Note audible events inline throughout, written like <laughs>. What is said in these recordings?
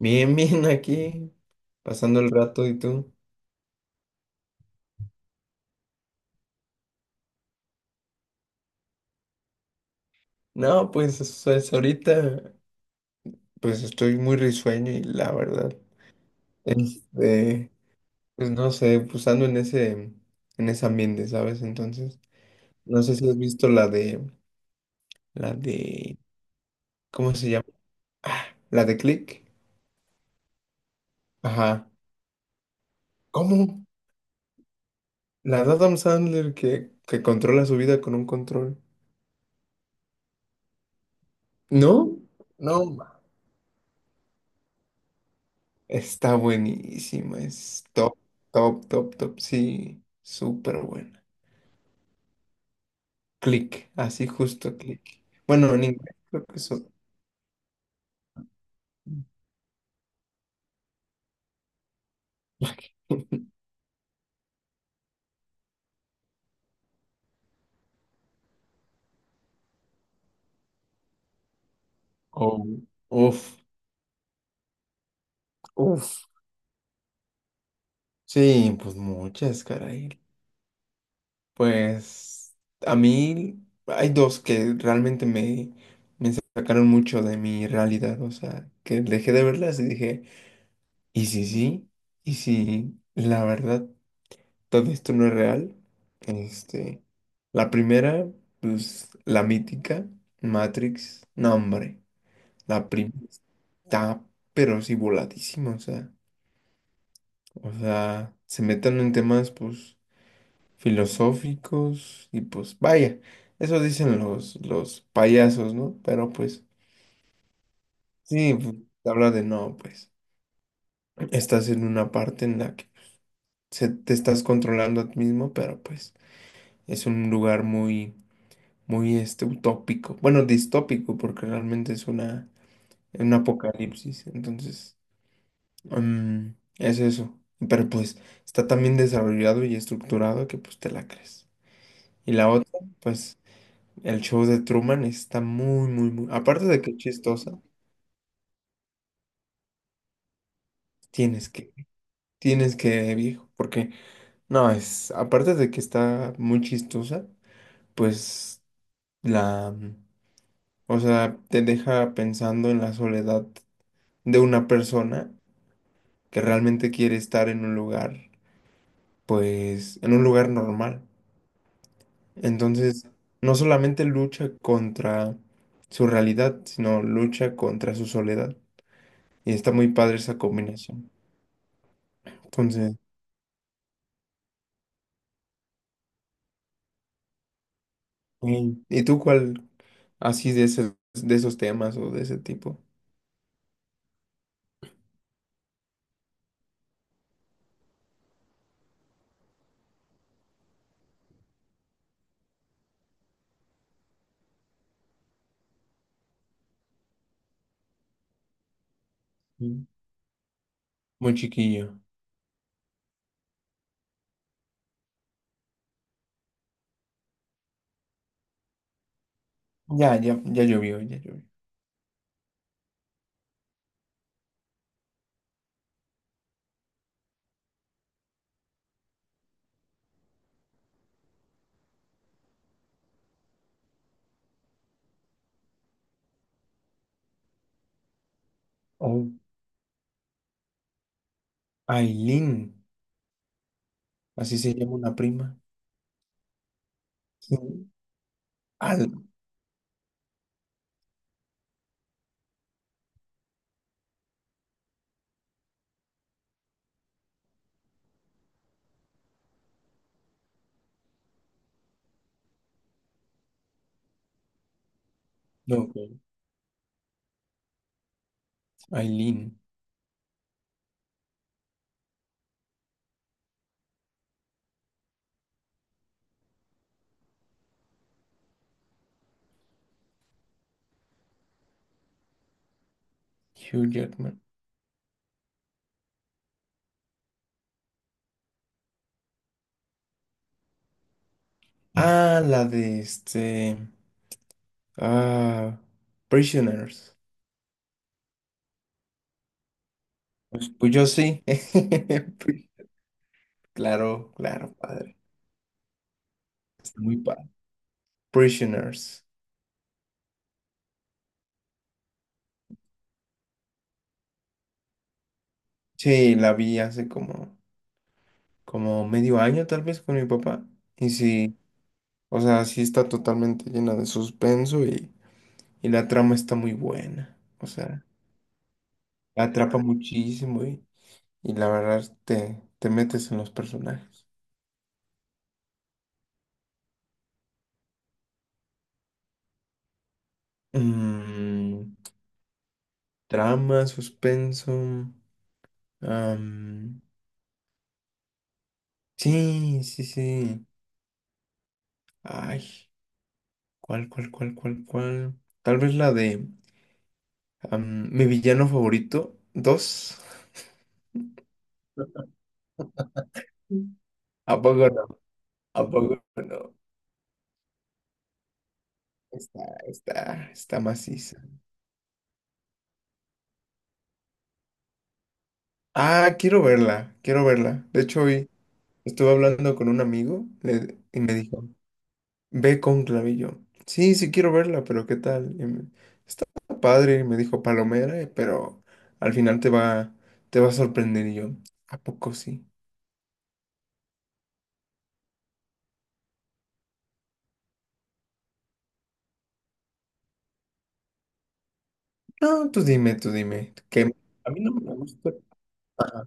Bien, bien, aquí, pasando el rato. ¿Y tú? No, pues, o es ahorita, pues estoy muy risueño y la verdad, este, pues no sé, pues ando en ese, ambiente, ¿sabes? Entonces, no sé si has visto la de, la de, ¿cómo se llama? Ah, la de Click. Ajá. ¿Cómo? La de Adam Sandler que controla su vida con un control. ¿No? No. Está buenísima, es top, top, top, top, sí, súper buena. Click, así justo click. Bueno, en inglés creo que eso. <laughs> Oh, uf, uf. Sí, pues muchas, caray. Pues a mí hay dos que realmente me sacaron mucho de mi realidad, o sea, que dejé de verlas y dije, ¿y si sí? ¿Y si la verdad todo esto no es real? Este, la primera, pues la mítica Matrix, no, hombre, la primera está pero sí voladísima, o sea, se metan en temas pues filosóficos y pues vaya, eso dicen los payasos, ¿no? Pero pues sí, pues habla de, no, pues estás en una parte en la que se, te estás controlando a ti mismo, pero pues es un lugar muy muy este utópico, bueno, distópico, porque realmente es una, un apocalipsis. Entonces, mm, es eso, pero pues está tan bien desarrollado y estructurado que pues te la crees. Y la otra, pues el show de Truman está muy, muy, muy, aparte de que es chistosa, tienes que, tienes que, viejo, porque no, es, aparte de que está muy chistosa, pues la, o sea, te deja pensando en la soledad de una persona que realmente quiere estar en un lugar, pues, en un lugar normal. Entonces, no solamente lucha contra su realidad, sino lucha contra su soledad. Y está muy padre esa combinación. Entonces, mm, ¿y tú cuál así de ese, de esos temas o de ese tipo? Mm. Muy chiquillo. Ya, ya, ya llovió, ya llovió. Oh, Aileen, así se llama una prima. Sí. Al, no, ok. Aileen, Hugh Jackman. Ah, la de este. Ah, Prisoners. Pues yo sí. <laughs> Pri-, claro, claro, padre. Está muy padre. Prisoners. Sí, la vi hace como, como medio año tal vez con mi papá. Y sí, o sea, sí está totalmente llena de suspenso y la trama está muy buena. O sea, la atrapa muchísimo y la verdad te, te metes en los personajes. Mm, trama, suspenso. Am, sí, sí, sí. Ay, ¿cuál, cuál, cuál, cuál, cuál? Tal vez la de, am, Mi Villano Favorito 2. <laughs> ¿A poco no? ¿A poco no? Está, está, está maciza. Ah, quiero verla, quiero verla. De hecho, hoy estuve hablando con un amigo le- y me dijo. Ve con clavillo. Sí, sí quiero verla, pero ¿qué tal? Y me-, está padre, me dijo Palomera, pero al final te va a sorprender. Y yo, ¿a poco sí? No, tú dime, tú dime. Que a mí no me gusta. Ah,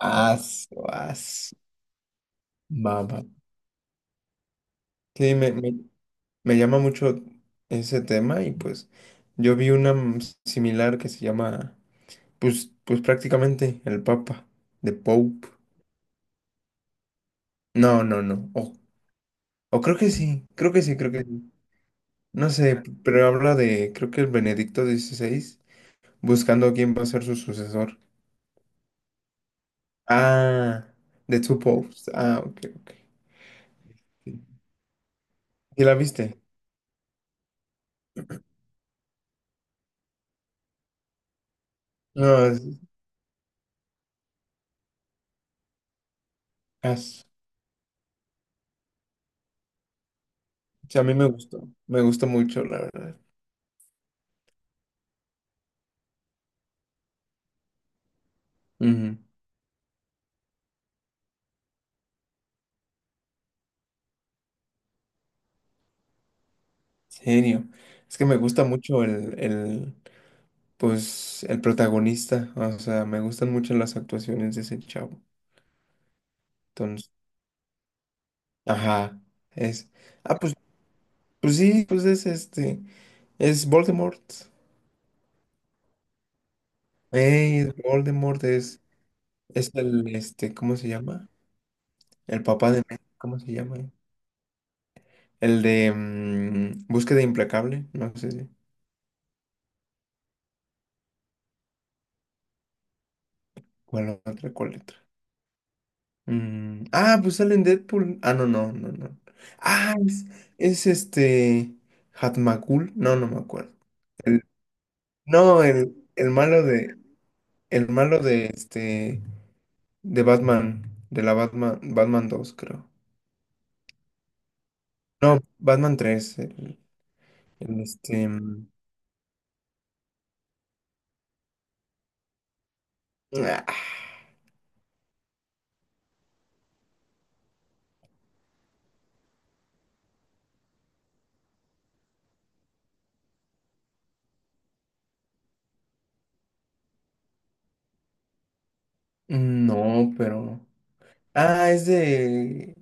as, as, baba. Sí, me, me llama mucho ese tema y pues yo vi una, mm, similar que se llama, pues, pues prácticamente el Papa, de Pope. No, no, no. O creo que sí, creo que sí, creo que sí. No sé, p- pero habla de, creo que el Benedicto XVI buscando quién va a ser su sucesor. Ah, The Two Popes. Ah, ok, ok. Sí. ¿Y la viste? No, es- as- a mí me gustó mucho, la verdad. Ujú, serio. Es que me gusta mucho el, pues, el protagonista. O sea, me gustan mucho las actuaciones de ese chavo. Entonces, ajá, es. Ah, pues pues sí, pues es este, es Voldemort. Ey, es Voldemort, es el, este, ¿cómo se llama? El papá de, ¿cómo se llama? El de, mm, Búsqueda Implacable, no sé, ¿cuál otra, cuál letra? Mm, ah, pues sale en Deadpool. Ah, no, no, no, no. Ah, es este, Hatmakul, no, no me acuerdo. El- no, el malo de, este, de Batman, de la Batman, Batman 2, creo. No, Batman 3, el-, el este, mm, ah, no, pero. Ah, es de.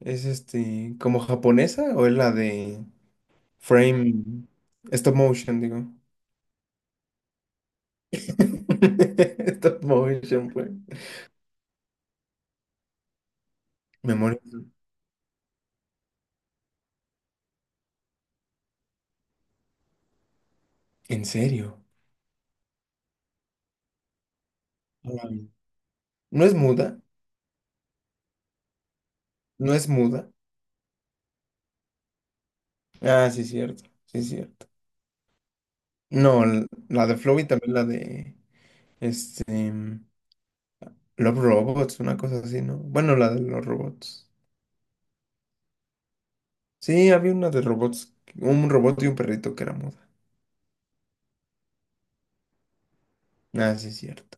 Es este. ¿Como japonesa o es la de frame? Stop motion, digo. <laughs> Stop motion, pues. Memoria. ¿En serio? No la vi. ¿No es muda? ¿No es muda? Ah, sí, cierto. Sí, cierto. No, l- la de Flow y también la de. Este. Mm, Love Robots, una cosa así, ¿no? Bueno, la de los robots. Sí, había una de robots, un robot y un perrito que era muda. Ah, sí, es cierto.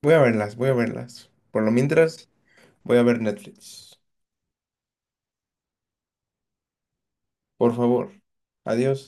Voy a verlas, voy a verlas. Por lo mientras, voy a ver Netflix. Por favor. Adiós.